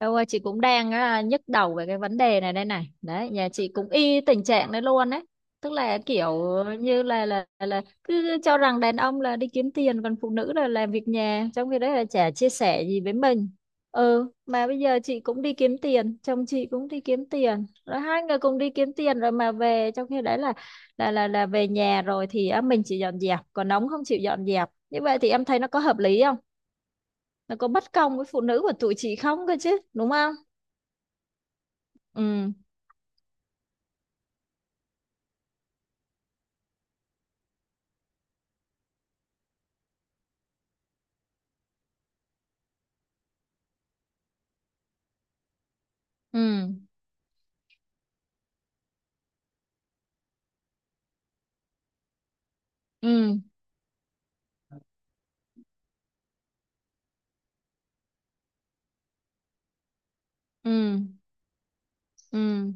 Đâu ơi, chị cũng đang nhức đầu về cái vấn đề này đây này. Đấy, nhà chị cũng y tình trạng đấy luôn đấy. Tức là kiểu như là cứ cho rằng đàn ông là đi kiếm tiền còn phụ nữ là làm việc nhà, trong khi đấy là chả chia sẻ gì với mình. Ừ, mà bây giờ chị cũng đi kiếm tiền, chồng chị cũng đi kiếm tiền. Rồi hai người cùng đi kiếm tiền rồi mà về, trong khi đấy là là về nhà rồi thì mình chỉ dọn dẹp, còn ông không chịu dọn dẹp. Như vậy thì em thấy nó có hợp lý không? Nó có bất công với phụ nữ của tụi chị không cơ chứ, đúng không? Ừ. Ừ. Ừ. Ừ. Ừ.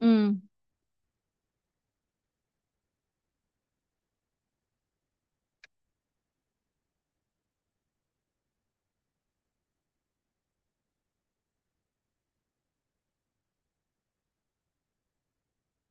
Ừ.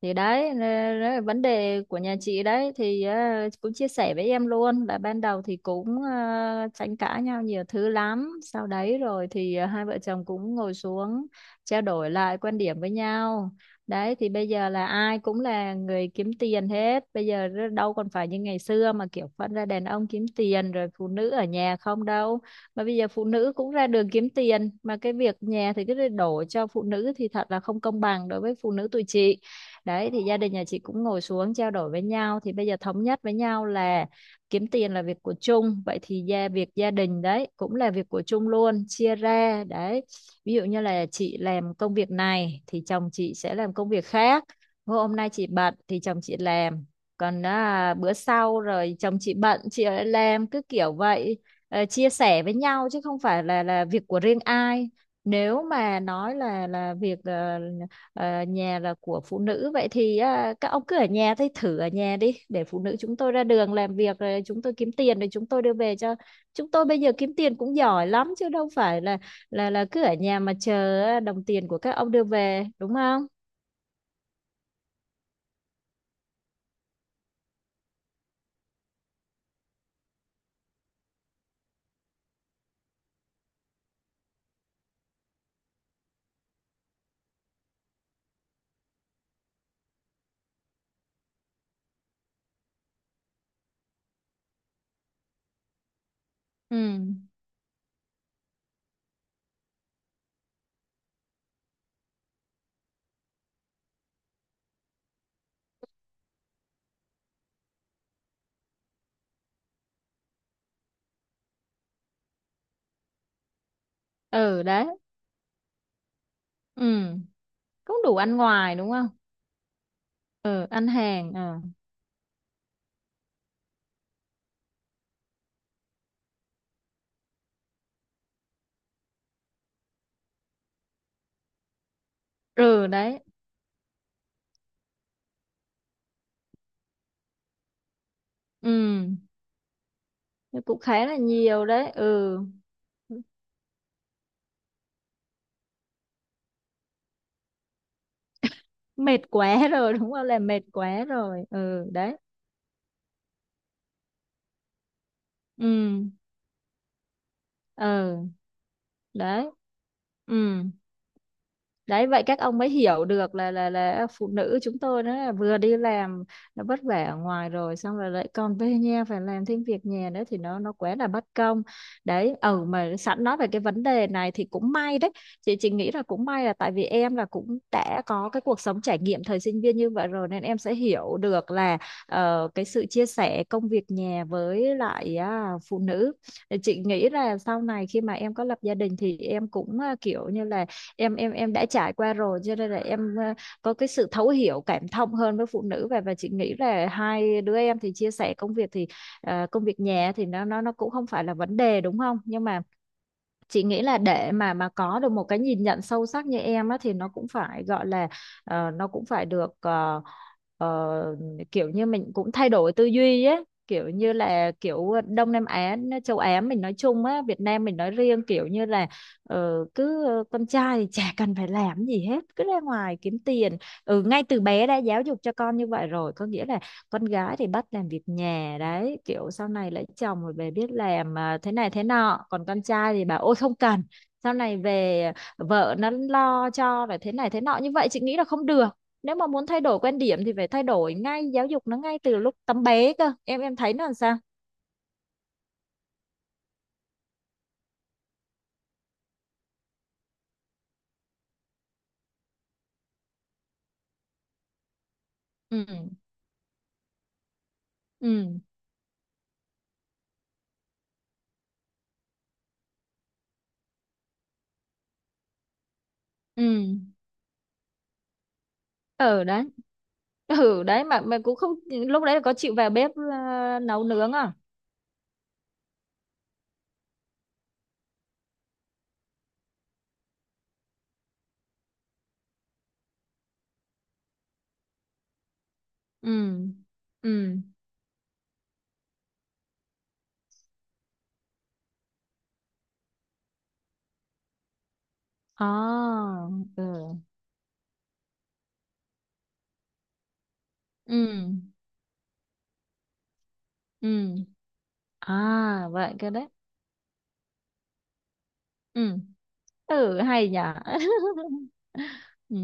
Thì đấy, nè, đấy là vấn đề của nhà chị đấy. Thì cũng chia sẻ với em luôn là ban đầu thì cũng tranh cãi nhau nhiều thứ lắm, sau đấy rồi thì hai vợ chồng cũng ngồi xuống trao đổi lại quan điểm với nhau. Đấy, thì bây giờ là ai cũng là người kiếm tiền hết bây giờ, đâu còn phải như ngày xưa mà kiểu phân ra đàn ông kiếm tiền rồi phụ nữ ở nhà không đâu, mà bây giờ phụ nữ cũng ra đường kiếm tiền mà cái việc nhà thì cứ đổ cho phụ nữ thì thật là không công bằng đối với phụ nữ tụi chị. Đấy, thì gia đình nhà chị cũng ngồi xuống trao đổi với nhau thì bây giờ thống nhất với nhau là kiếm tiền là việc của chung, vậy thì việc gia đình đấy cũng là việc của chung luôn, chia ra đấy. Ví dụ như là chị làm công việc này thì chồng chị sẽ làm công việc khác, hôm nay chị bận thì chồng chị làm, còn bữa sau rồi chồng chị bận chị lại làm, cứ kiểu vậy. Ờ, chia sẻ với nhau chứ không phải là việc của riêng ai. Nếu mà nói là việc nhà là của phụ nữ, vậy thì các ông cứ ở nhà thì thử ở nhà đi để phụ nữ chúng tôi ra đường làm việc rồi chúng tôi kiếm tiền rồi chúng tôi đưa về cho. Chúng tôi bây giờ kiếm tiền cũng giỏi lắm chứ đâu phải là là cứ ở nhà mà chờ đồng tiền của các ông đưa về đúng không. Ừ. Ừ đấy. Ừ, cũng đủ ăn ngoài đúng không. Ừ, ăn hàng. Ừ. Ừ đấy. Ừ, cũng khá là nhiều đấy. Ừ, mệt quá rồi đúng không, là mệt quá rồi. Ừ đấy. Ừ. Ừ đấy. Ừ. Đấy, vậy các ông mới hiểu được là là phụ nữ chúng tôi nó là vừa đi làm, nó vất vả ở ngoài rồi xong rồi lại còn về nhà phải làm thêm việc nhà nữa thì nó quá là bất công. Đấy, ừ, mà sẵn nói về cái vấn đề này thì cũng may đấy. Chị nghĩ là cũng may là tại vì em là cũng đã có cái cuộc sống trải nghiệm thời sinh viên như vậy rồi nên em sẽ hiểu được là cái sự chia sẻ công việc nhà với lại phụ nữ. Thì chị nghĩ là sau này khi mà em có lập gia đình thì em cũng kiểu như là em đã trải qua rồi cho nên là em có cái sự thấu hiểu cảm thông hơn với phụ nữ. Và chị nghĩ là hai đứa em thì chia sẻ công việc thì công việc nhà thì nó cũng không phải là vấn đề đúng không. Nhưng mà chị nghĩ là để mà có được một cái nhìn nhận sâu sắc như em á thì nó cũng phải gọi là nó cũng phải được ờ, kiểu như mình cũng thay đổi tư duy á, kiểu như là kiểu Đông Nam Á, châu Á mình nói chung á, Việt Nam mình nói riêng, kiểu như là cứ con trai thì chả cần phải làm gì hết, cứ ra ngoài kiếm tiền. Ừ, ngay từ bé đã giáo dục cho con như vậy rồi, có nghĩa là con gái thì bắt làm việc nhà đấy, kiểu sau này lấy chồng rồi về biết làm thế này thế nọ, còn con trai thì bảo ôi không cần, sau này về vợ nó lo cho rồi, thế này thế nọ. Như vậy chị nghĩ là không được. Nếu mà muốn thay đổi quan điểm thì phải thay đổi ngay, giáo dục nó ngay từ lúc tấm bé cơ. Em thấy nó làm sao. Ừ. Ừ. Ừ. Ừ đấy. Ừ đấy, mà cũng không, lúc đấy là có chịu vào bếp nấu nướng à? Ừ. Ừ. À. Ừ. Ừ. Ừ. À vậy cơ đấy. Ừ. Ừ, hay nhỉ. Ừ.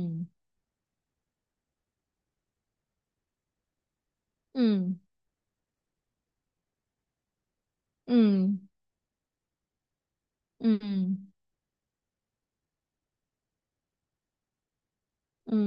Ừ. Ừ. Ừ. Ừ. Ừ,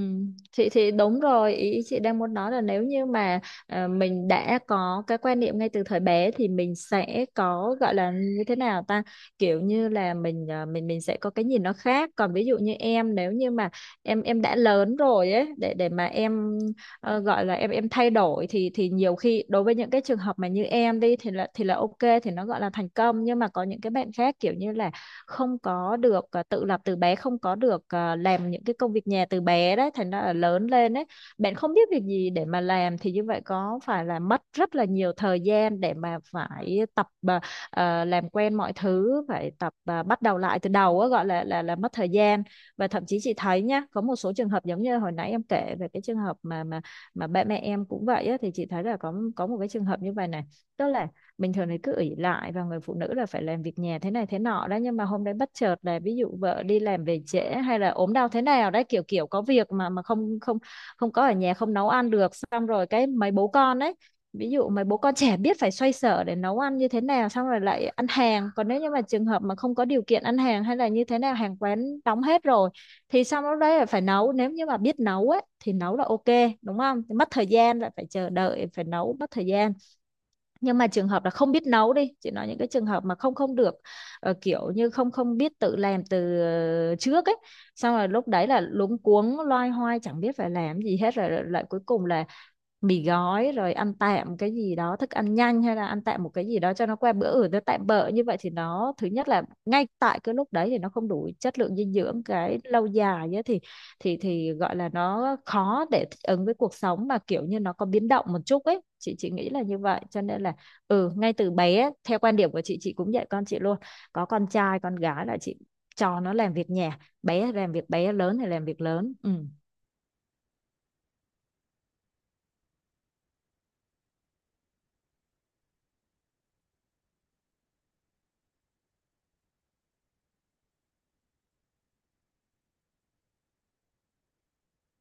chị thì đúng rồi, ý chị đang muốn nói là nếu như mà mình đã có cái quan niệm ngay từ thời bé thì mình sẽ có gọi là như thế nào ta, kiểu như là mình à, mình mình sẽ có cái nhìn nó khác. Còn ví dụ như em, nếu như mà em đã lớn rồi ấy, để mà em gọi là em thay đổi thì nhiều khi đối với những cái trường hợp mà như em đi thì là là ok thì nó gọi là thành công, nhưng mà có những cái bạn khác kiểu như là không có được tự lập từ bé, không có được làm những cái công việc nhà từ bé đấy, thành ra là lớn lên đấy bạn không biết việc gì để mà làm thì như vậy có phải là mất rất là nhiều thời gian để mà phải tập làm quen mọi thứ, phải tập bắt đầu lại từ đầu á, gọi là là mất thời gian. Và thậm chí chị thấy nhá, có một số trường hợp giống như hồi nãy em kể về cái trường hợp mà ba mẹ em cũng vậy á, thì chị thấy là có một cái trường hợp như vậy này. Tức là bình thường thì cứ ỷ lại và người phụ nữ là phải làm việc nhà thế này thế nọ đó, nhưng mà hôm đấy bất chợt là ví dụ vợ đi làm về trễ hay là ốm đau thế nào đấy, kiểu kiểu có việc mà không không không có ở nhà, không nấu ăn được, xong rồi cái mấy bố con đấy, ví dụ mấy bố con trẻ biết phải xoay sở để nấu ăn như thế nào, xong rồi lại ăn hàng, còn nếu như mà trường hợp mà không có điều kiện ăn hàng hay là như thế nào, hàng quán đóng hết rồi thì xong lúc đấy là phải nấu. Nếu như mà biết nấu ấy thì nấu là ok đúng không. Thì mất thời gian, lại phải chờ đợi, phải nấu mất thời gian. Nhưng mà trường hợp là không biết nấu đi, chị nói những cái trường hợp mà không không được, kiểu như không không biết tự làm từ trước ấy, xong rồi lúc đấy là luống cuống loay hoay chẳng biết phải làm gì hết, rồi lại cuối cùng là mì gói, rồi ăn tạm cái gì đó, thức ăn nhanh hay là ăn tạm một cái gì đó cho nó qua bữa ở, nó tạm bợ như vậy thì nó thứ nhất là ngay tại cái lúc đấy thì nó không đủ chất lượng dinh dưỡng, cái lâu dài ấy, thì thì gọi là nó khó để thích ứng với cuộc sống mà kiểu như nó có biến động một chút ấy. Chị nghĩ là như vậy cho nên là ừ, ngay từ bé theo quan điểm của chị cũng dạy con chị luôn, có con trai con gái là chị cho nó làm việc nhà, bé làm việc bé, lớn thì làm việc lớn. Ừ.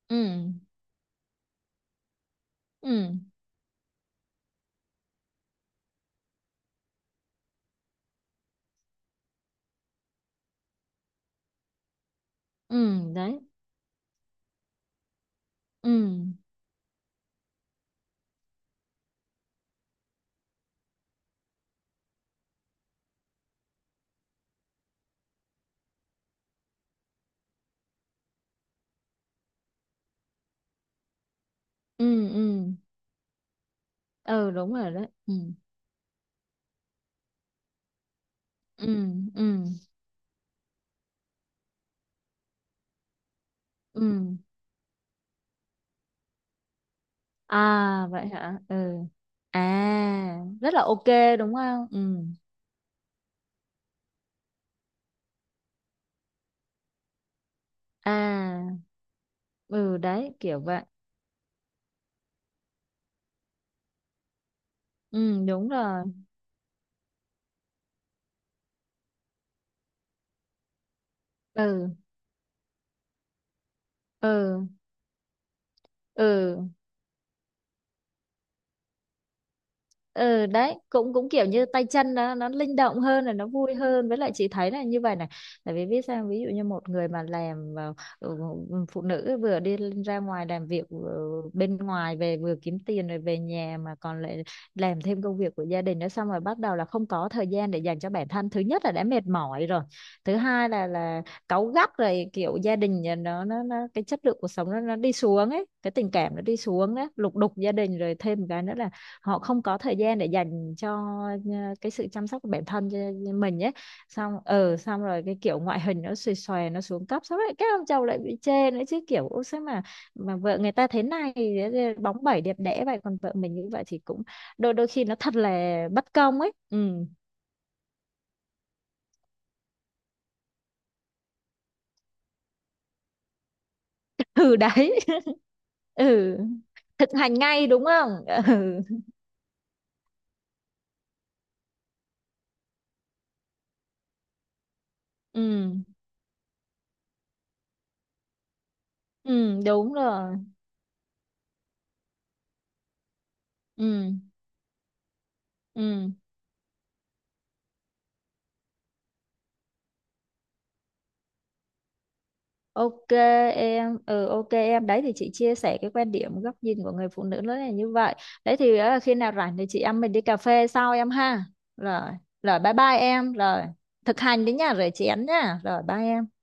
Ừ. Ừ. Ừ đấy. Ừ. Ừ. Ừ. Ừ đúng rồi đấy. Ừ. Ừ. Ừ. Ừ. À vậy hả. Ừ. À rất là ok đúng không. Ừ. À. Ừ đấy, kiểu vậy. Ừ đúng rồi. Ừ. Ừ. Ừ. Ừ đấy, cũng cũng kiểu như tay chân nó linh động hơn là nó vui hơn, với lại chị thấy là như vậy này. Tại vì biết sao, ví dụ như một người mà làm ừ, phụ nữ vừa đi ra ngoài làm việc bên ngoài về, vừa kiếm tiền rồi về nhà mà còn lại làm thêm công việc của gia đình nữa, xong rồi bắt đầu là không có thời gian để dành cho bản thân, thứ nhất là đã mệt mỏi rồi, thứ hai là cáu gắt rồi, kiểu gia đình nhà nó cái chất lượng cuộc sống nó đi xuống ấy, cái tình cảm nó đi xuống á, lục đục gia đình. Rồi thêm một cái nữa là họ không có thời gian để dành cho cái sự chăm sóc của bản thân cho mình ấy, xong xong rồi cái kiểu ngoại hình nó xòe xòe nó xuống cấp, xong rồi các ông chồng lại bị chê nữa chứ, kiểu ô sao mà vợ người ta thế này bóng bẩy đẹp đẽ vậy, còn vợ mình như vậy, thì cũng đôi đôi khi nó thật là bất công ấy. Ừ. Ừ đấy. Ừ, thực hành ngay đúng không. Ừ. Ừ. Ừ đúng rồi. Ừ. Ừ. Ok em. Đấy thì chị chia sẻ cái quan điểm góc nhìn của người phụ nữ nó là như vậy. Đấy thì khi nào rảnh thì chị em mình đi cà phê sau em ha. Rồi, rồi bye bye em, rồi thực hành đấy nha, rồi chị Ánh nha, rồi bye em.